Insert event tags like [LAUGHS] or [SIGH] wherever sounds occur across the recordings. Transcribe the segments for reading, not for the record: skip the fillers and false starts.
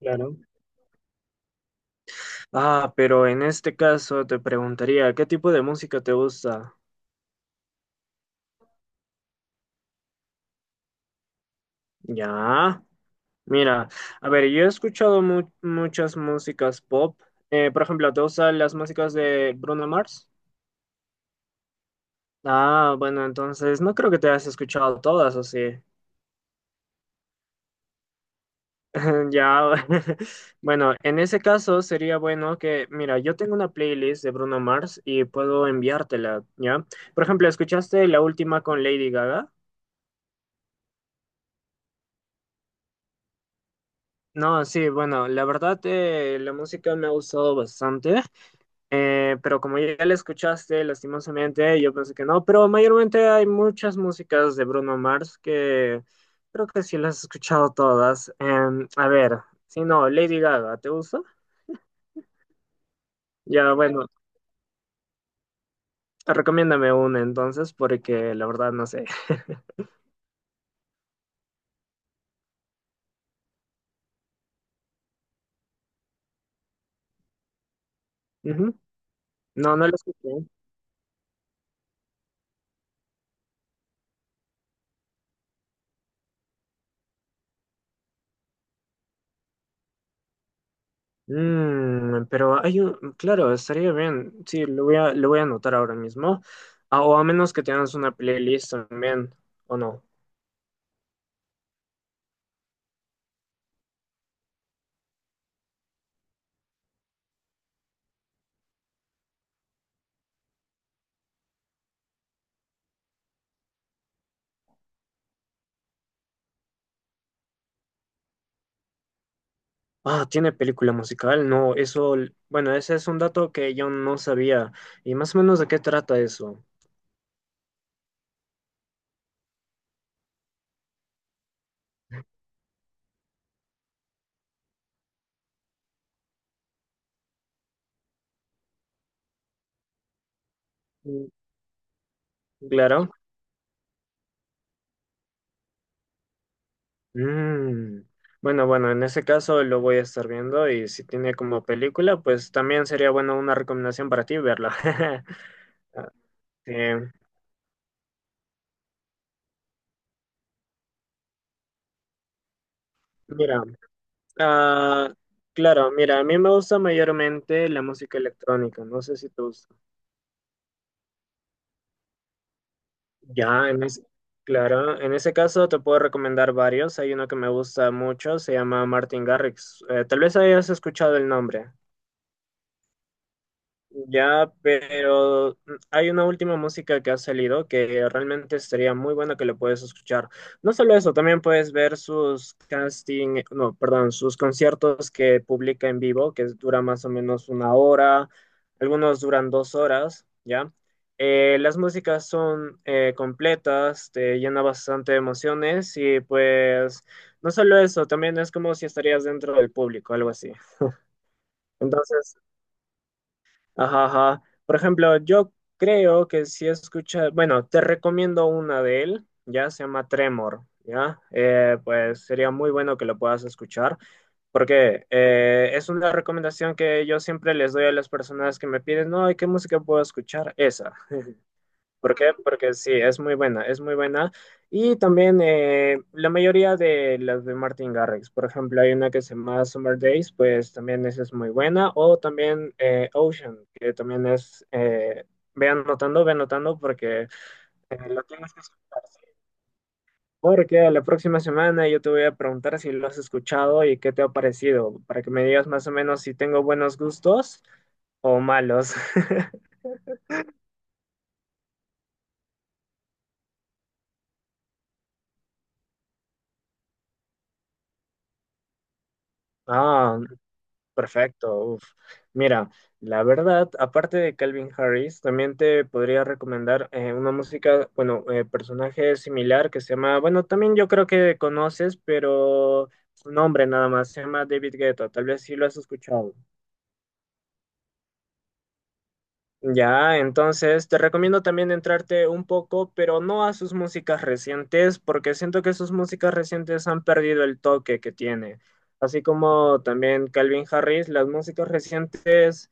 Claro. Ah, pero en este caso te preguntaría, ¿qué tipo de música te gusta? Ya, mira, a ver, yo he escuchado muchas músicas pop. Por ejemplo, ¿te gustan las músicas de Bruno Mars? Ah, bueno, entonces no creo que te hayas escuchado todas, ¿o sí? [LAUGHS] Ya, [LAUGHS] bueno, en ese caso sería bueno que, mira, yo tengo una playlist de Bruno Mars y puedo enviártela, ¿ya? Por ejemplo, ¿escuchaste la última con Lady Gaga? No, sí, bueno, la verdad la música me ha gustado bastante, pero como ya la escuchaste, lastimosamente, yo pensé que no, pero mayormente hay muchas músicas de Bruno Mars que creo que sí las he escuchado todas. A ver, si no, Lady Gaga, ¿te gusta? Ya, bueno, recomiéndame una entonces, porque la verdad no sé. [LAUGHS] Ujú. No, no la escuché. Pero hay un, claro, estaría bien. Sí, lo voy a anotar ahora mismo. Ah, o a menos que tengas una playlist también, o no. Ah, tiene película musical. No, eso, bueno, ese es un dato que yo no sabía. Y más o menos de qué trata eso. Mm. Claro. Mm. Bueno, bueno, en ese caso lo voy a estar viendo y si tiene como película, pues también sería bueno una recomendación para ti verla. [LAUGHS] Ah, sí. Mira. Ah, claro, mira, a mí me gusta mayormente la música electrónica, no sé si te gusta. Ya, en es claro, en ese caso te puedo recomendar varios, hay uno que me gusta mucho, se llama Martin Garrix. Tal vez hayas escuchado el nombre. Ya, pero hay una última música que ha salido que realmente estaría muy buena que la puedes escuchar. No solo eso, también puedes ver sus casting, no, perdón, sus conciertos que publica en vivo, que dura más o menos 1 hora, algunos duran 2 horas, ¿ya? Las músicas son completas, te llena bastante de emociones y pues no solo eso, también es como si estarías dentro del público, algo así. Entonces, ajá, ajá. Por ejemplo, yo creo que si escuchas, bueno, te recomiendo una de él, ya se llama Tremor, ya. Pues sería muy bueno que lo puedas escuchar, porque es una recomendación que yo siempre les doy a las personas que me piden, no, ¿y qué música puedo escuchar? Esa. ¿Por qué? Porque sí, es muy buena, es muy buena. Y también la mayoría de las de Martin Garrix, por ejemplo, hay una que se llama Summer Days, pues también esa es muy buena. O también Ocean, que también es, ve anotando, porque lo tienes que escuchar. ¿Sí? Porque a la próxima semana yo te voy a preguntar si lo has escuchado y qué te ha parecido, para que me digas más o menos si tengo buenos gustos o malos. [LAUGHS] Ah, Perfecto. Uf. Mira, la verdad, aparte de Calvin Harris, también te podría recomendar una música, bueno, personaje similar que se llama, bueno, también yo creo que conoces, pero su nombre nada más, se llama David Guetta, tal vez sí lo has escuchado. Ya, entonces te recomiendo también entrarte un poco, pero no a sus músicas recientes, porque siento que sus músicas recientes han perdido el toque que tiene. Así como también Calvin Harris, las músicas recientes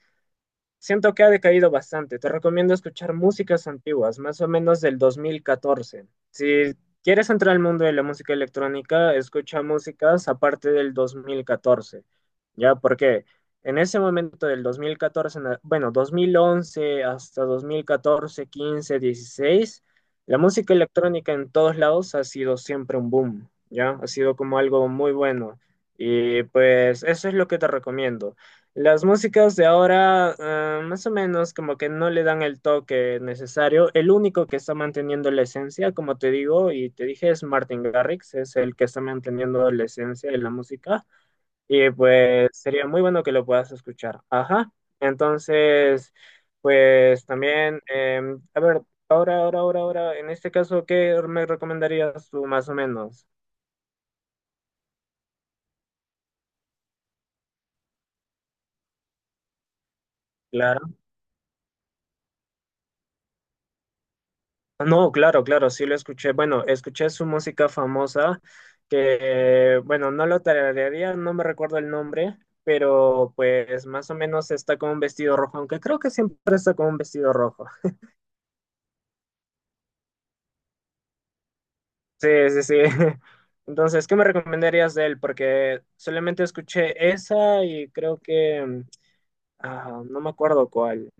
siento que ha decaído bastante. Te recomiendo escuchar músicas antiguas, más o menos del 2014. Si quieres entrar al mundo de la música electrónica, escucha músicas aparte del 2014. ¿Ya? Porque en ese momento del 2014, bueno, 2011 hasta 2014, 15, 16, la música electrónica en todos lados ha sido siempre un boom. ¿Ya? Ha sido como algo muy bueno. Y pues eso es lo que te recomiendo. Las músicas de ahora, ah, más o menos, como que no le dan el toque necesario. El único que está manteniendo la esencia, como te digo y te dije, es Martin Garrix, es el que está manteniendo la esencia de la música. Y pues sería muy bueno que lo puedas escuchar. Ajá. Entonces, pues también, a ver, ahora, ahora, ahora, ahora, en este caso, ¿qué me recomendarías tú más o menos? Claro. No, claro, claro, sí lo escuché. Bueno, escuché su música famosa, que, bueno, no lo tararearía, no me recuerdo el nombre, pero pues más o menos está con un vestido rojo, aunque creo que siempre está con un vestido rojo. Sí, sí, sí. [LAUGHS] Entonces, ¿qué me recomendarías de él? Porque solamente escuché esa y creo que, ah, no me acuerdo cuál.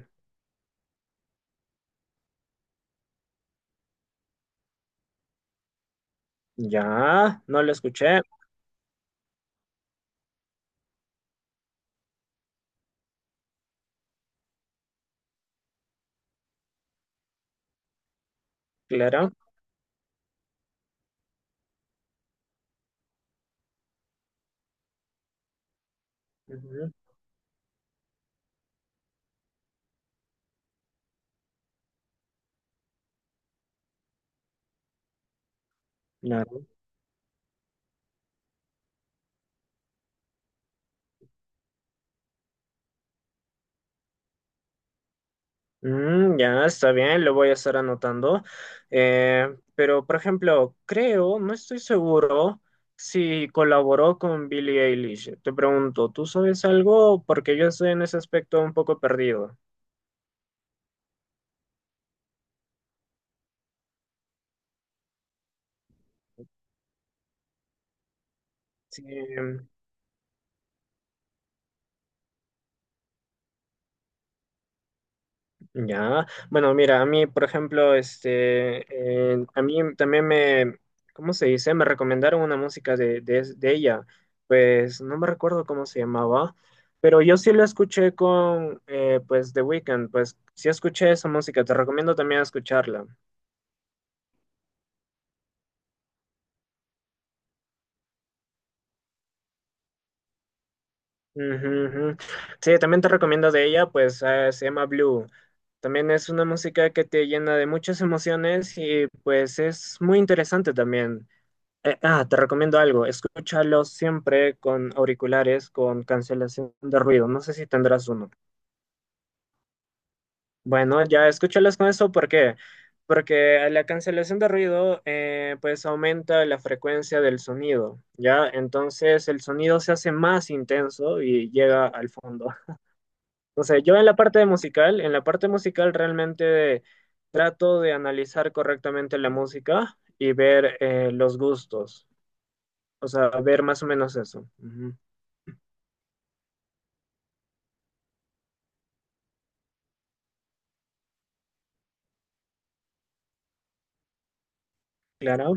Ya, no lo escuché, claro. Ujú, claro. Ya, está bien, lo voy a estar anotando. Eh, pero, por ejemplo, creo, no estoy seguro si colaboró con Billie Eilish. Te pregunto, ¿tú sabes algo? Porque yo estoy en ese aspecto un poco perdido. Sí, ya, bueno, mira, a mí, por ejemplo, este, a mí también me, ¿cómo se dice? Me recomendaron una música de, ella, pues no me recuerdo cómo se llamaba, pero yo sí la escuché con, pues, The Weeknd, pues sí escuché esa música, te recomiendo también escucharla. Ujú, ujú. Sí, también te recomiendo de ella, pues se llama Blue. También es una música que te llena de muchas emociones y pues es muy interesante también. Te recomiendo algo. Escúchalo siempre con auriculares, con cancelación de ruido. No sé si tendrás uno. Bueno, ya escúchalos con eso. ¿Por qué? Porque la cancelación de ruido, pues aumenta la frecuencia del sonido, ¿ya? Entonces el sonido se hace más intenso y llega al fondo. [LAUGHS] Entonces, yo en la parte de musical, en la parte musical realmente trato de analizar correctamente la música y ver los gustos. O sea, ver más o menos eso. Ujú. Claro,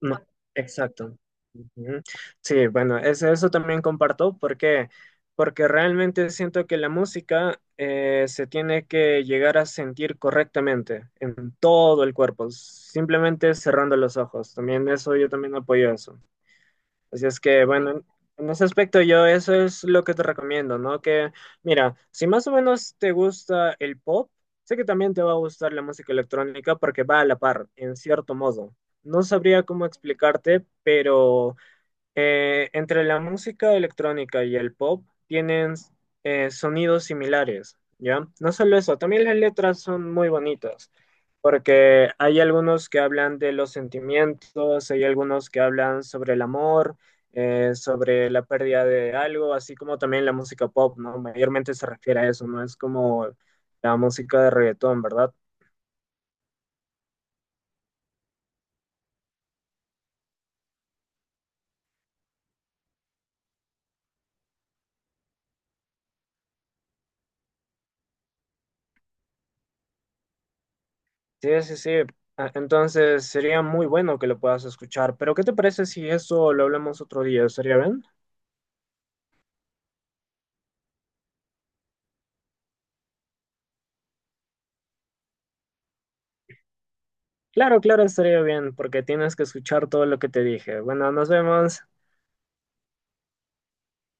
no, exacto. Ujú. Sí, bueno, eso también comparto. Porque realmente siento que la música se tiene que llegar a sentir correctamente en todo el cuerpo, simplemente cerrando los ojos. También eso, yo también apoyo eso. Así es que, bueno, en ese aspecto yo eso es lo que te recomiendo, ¿no? Que, mira, si más o menos te gusta el pop, sé que también te va a gustar la música electrónica porque va a la par, en cierto modo. No sabría cómo explicarte, pero entre la música electrónica y el pop tienen sonidos similares, ¿ya? No solo eso, también las letras son muy bonitas, porque hay algunos que hablan de los sentimientos, hay algunos que hablan sobre el amor, sobre la pérdida de algo, así como también la música pop, ¿no? Mayormente se refiere a eso, no es como la música de reggaetón, ¿verdad? Sí, sí, sí. Ah, entonces sería muy bueno que lo puedas escuchar, pero ¿qué te parece si eso lo hablamos otro día? ¿Estaría bien? Claro, claro, estaría bien, porque tienes que escuchar todo lo que te dije. Bueno, nos vemos.